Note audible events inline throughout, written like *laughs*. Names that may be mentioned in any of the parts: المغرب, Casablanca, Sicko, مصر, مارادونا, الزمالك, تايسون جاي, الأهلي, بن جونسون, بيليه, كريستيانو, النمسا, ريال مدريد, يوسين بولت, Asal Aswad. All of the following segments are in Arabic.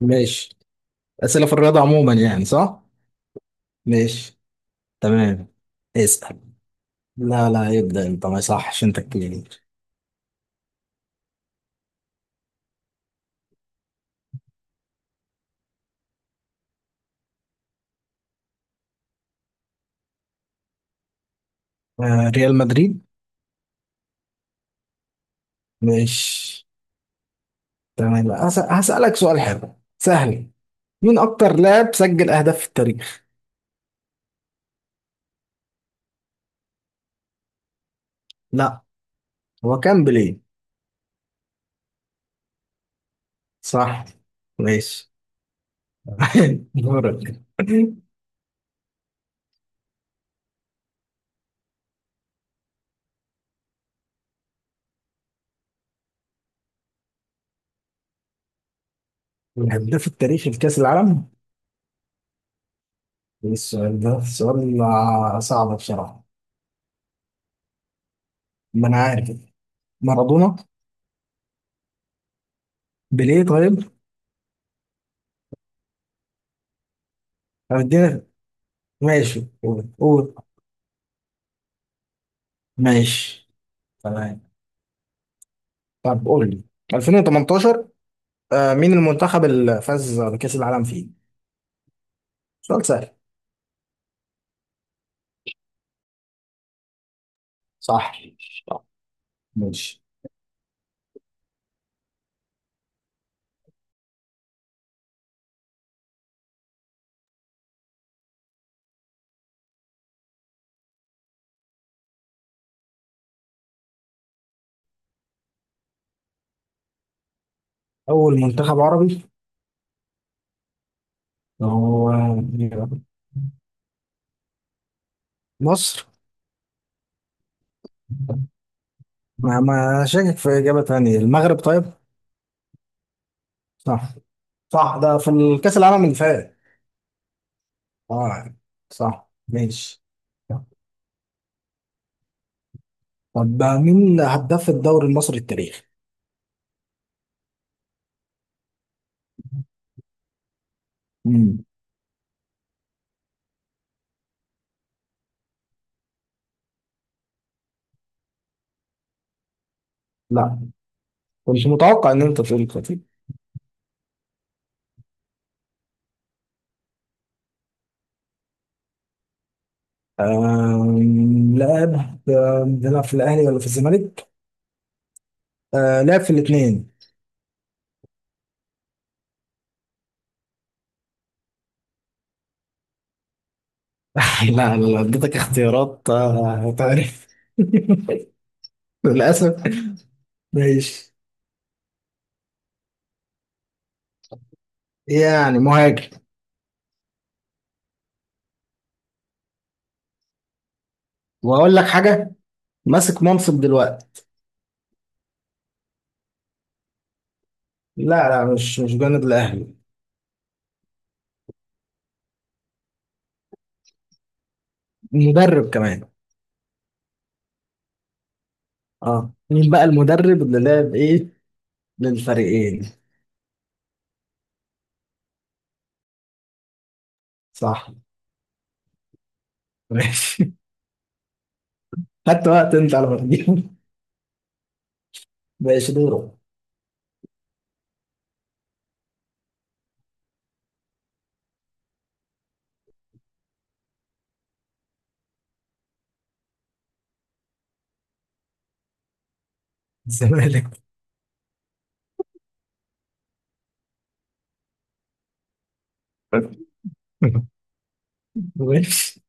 ماشي. أسئلة في الرياضة عموما يعني، صح؟ ماشي. تمام. اسأل. لا لا، يبدأ أنت، ما صحش، أنت الكبير. آه، ريال مدريد. ماشي. تمام. هسألك سؤال حلو سهل. مين أكتر لاعب سجل أهداف في التاريخ؟ لا. هو كان بيليه؟ صح. ماشي. *laughs* دورك. الهداف التاريخي لكأس العالم؟ إيه السؤال ده؟ سؤال صعب بصراحة. ما أنا عارف. مارادونا؟ بيليه طيب؟ طب اديني. ماشي، قول قول. ماشي. تمام. طب قول لي، 2018، مين المنتخب اللي فاز بكأس العالم فيه؟ سؤال سهل. صح. صح. ماشي. أول منتخب عربي، هو مين يا رب؟ مصر؟ ما شاكك في إجابة تانية. المغرب طيب؟ صح. صح، ده في الكأس العالم اللي فات. اه، صح. ماشي. طب مين هداف الدوري المصري التاريخي؟ مم. لا، كنت متوقع إن أنت تقول كده. لعب. بيلعب في الأهلي ولا في الزمالك؟ آه، لعب في الاثنين. *laughs* لا لا لا، اديتك اختيارات تعرف. *laughs* للاسف. ماشي. يعني مهاجم. واقول لك حاجه، ماسك منصب دلوقتي. لا لا، مش جانب الأهلي. مدرب كمان. اه، مين بقى المدرب اللي لعب ايه للفريقين؟ صح. ماشي. *laughs* خدت وقت انت على ما تجيب. ماشي، دوره. الزمالك. *laughs* ماشي.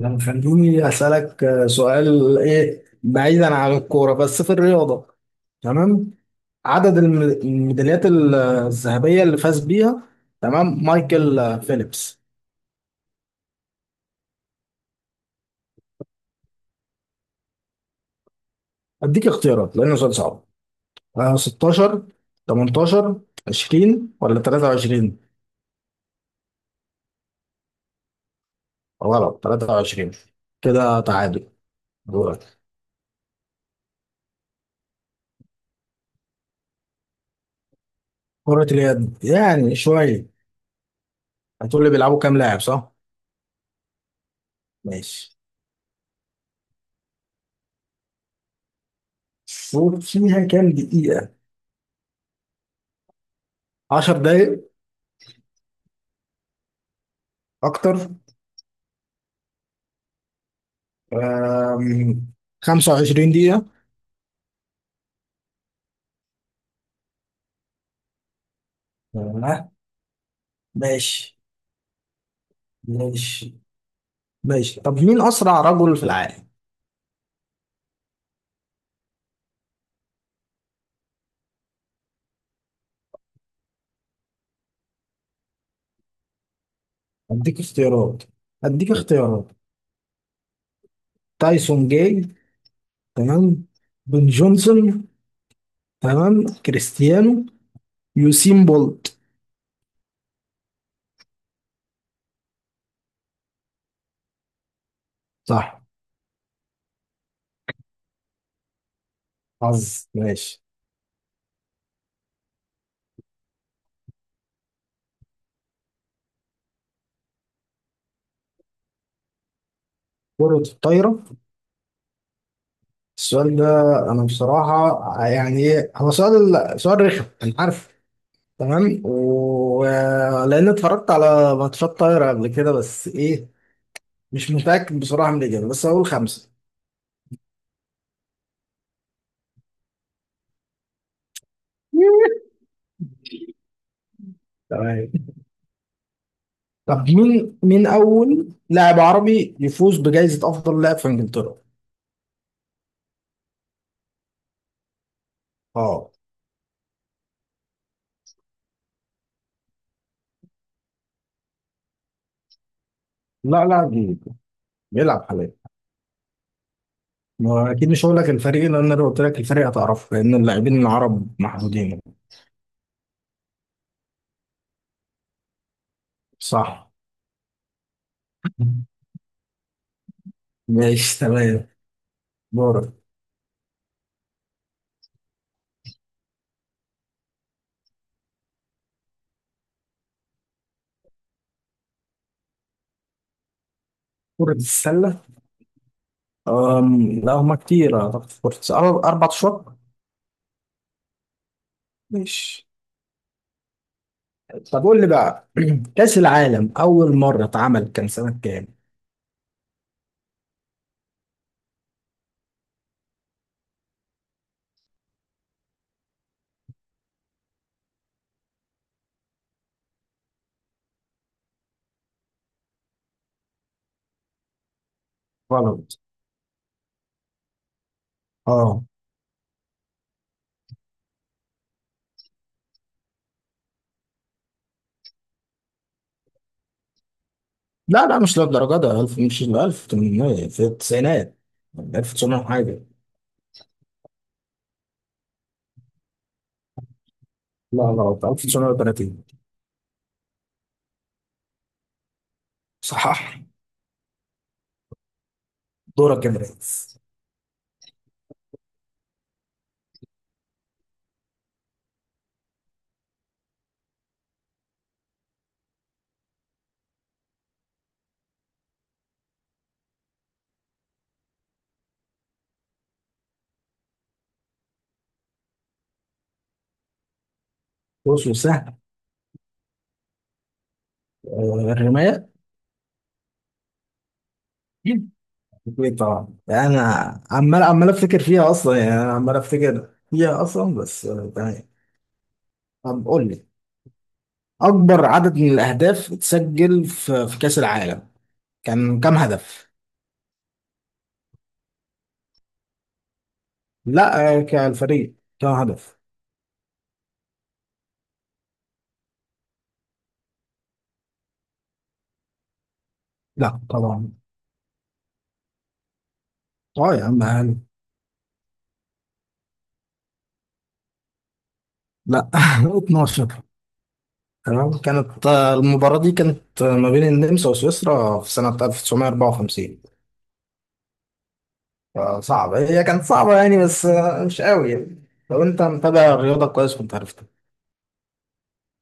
لما خليني أسألك سؤال إيه بعيدا عن الكورة، بس في الرياضة. تمام. عدد الميداليات الذهبية اللي فاز بيها، تمام، مايكل فيليبس. أديك اختيارات لأنه سؤال صعب. 16، 18، 20، ولا 23؟ غلط. 23. كده تعادل. دورك. كرة اليد يعني شوية. هتقول لي بيلعبوا كام لاعب، صح؟ ماشي. شوف فيها كام دقيقة. 10 دقايق؟ أكتر. أم، 25 دقيقة. آه، ماشي. ماشي. ماشي. طب مين أسرع رجل في العالم؟ أديك اختيارات. أديك اختيارات تايسون جاي، تمام، بن جونسون، تمام، كريستيانو، يوسين بولت. صح. حظ. ماشي. كرة الطايرة. السؤال ده، أنا بصراحة يعني، إيه هو سؤال رخم أنا عارف. تمام، و... لأن اتفرجت على ماتشات طايرة قبل كده، بس إيه، مش متأكد بصراحة من الإجابة. بس هقول خمسة. تمام. طب مين أول لاعب عربي يفوز بجائزة أفضل لاعب في إنجلترا؟ اه. لا لا، جديد. بيلعب حاليا. ما هو أكيد مش هقول لك الفريق، لأن لو قلت لك الفريق هتعرفه، لأن اللاعبين العرب محدودين. صح. ماشي. تمام. دورك. كرة السلة. لا، هما كتير. أعتقد في كرة السلة أربع أشواط. ماشي. طب قول لي بقى، *clears throat* كأس العالم أول مرة اتعمل كان سنة كام؟ غلط. اه. لا لا، مش للدرجة ده. 1000 مش 1800، في التسعينات، 1900 حاجة. لا، غلط. 1930. صحح. دورك يا برنس. بص سهل. الرماية. أكيد طبعا. أنا عمال أفتكر فيها أصلا يعني، أنا عمال أفتكر فيها أصلا، بس تمام. طب قول لي، أكبر عدد من الأهداف اتسجل في كأس العالم، كان كام هدف؟ لا. كالفريق كام هدف؟ لا طبعا. أه يا عم، أقل. لا. *laughs* 12. تمام. كانت المباراة دي كانت ما بين النمسا وسويسرا في سنة 1954. فصعبة هي، كانت صعبة يعني، بس مش قوي يعني. لو انت متابع الرياضة كويس كنت عارف.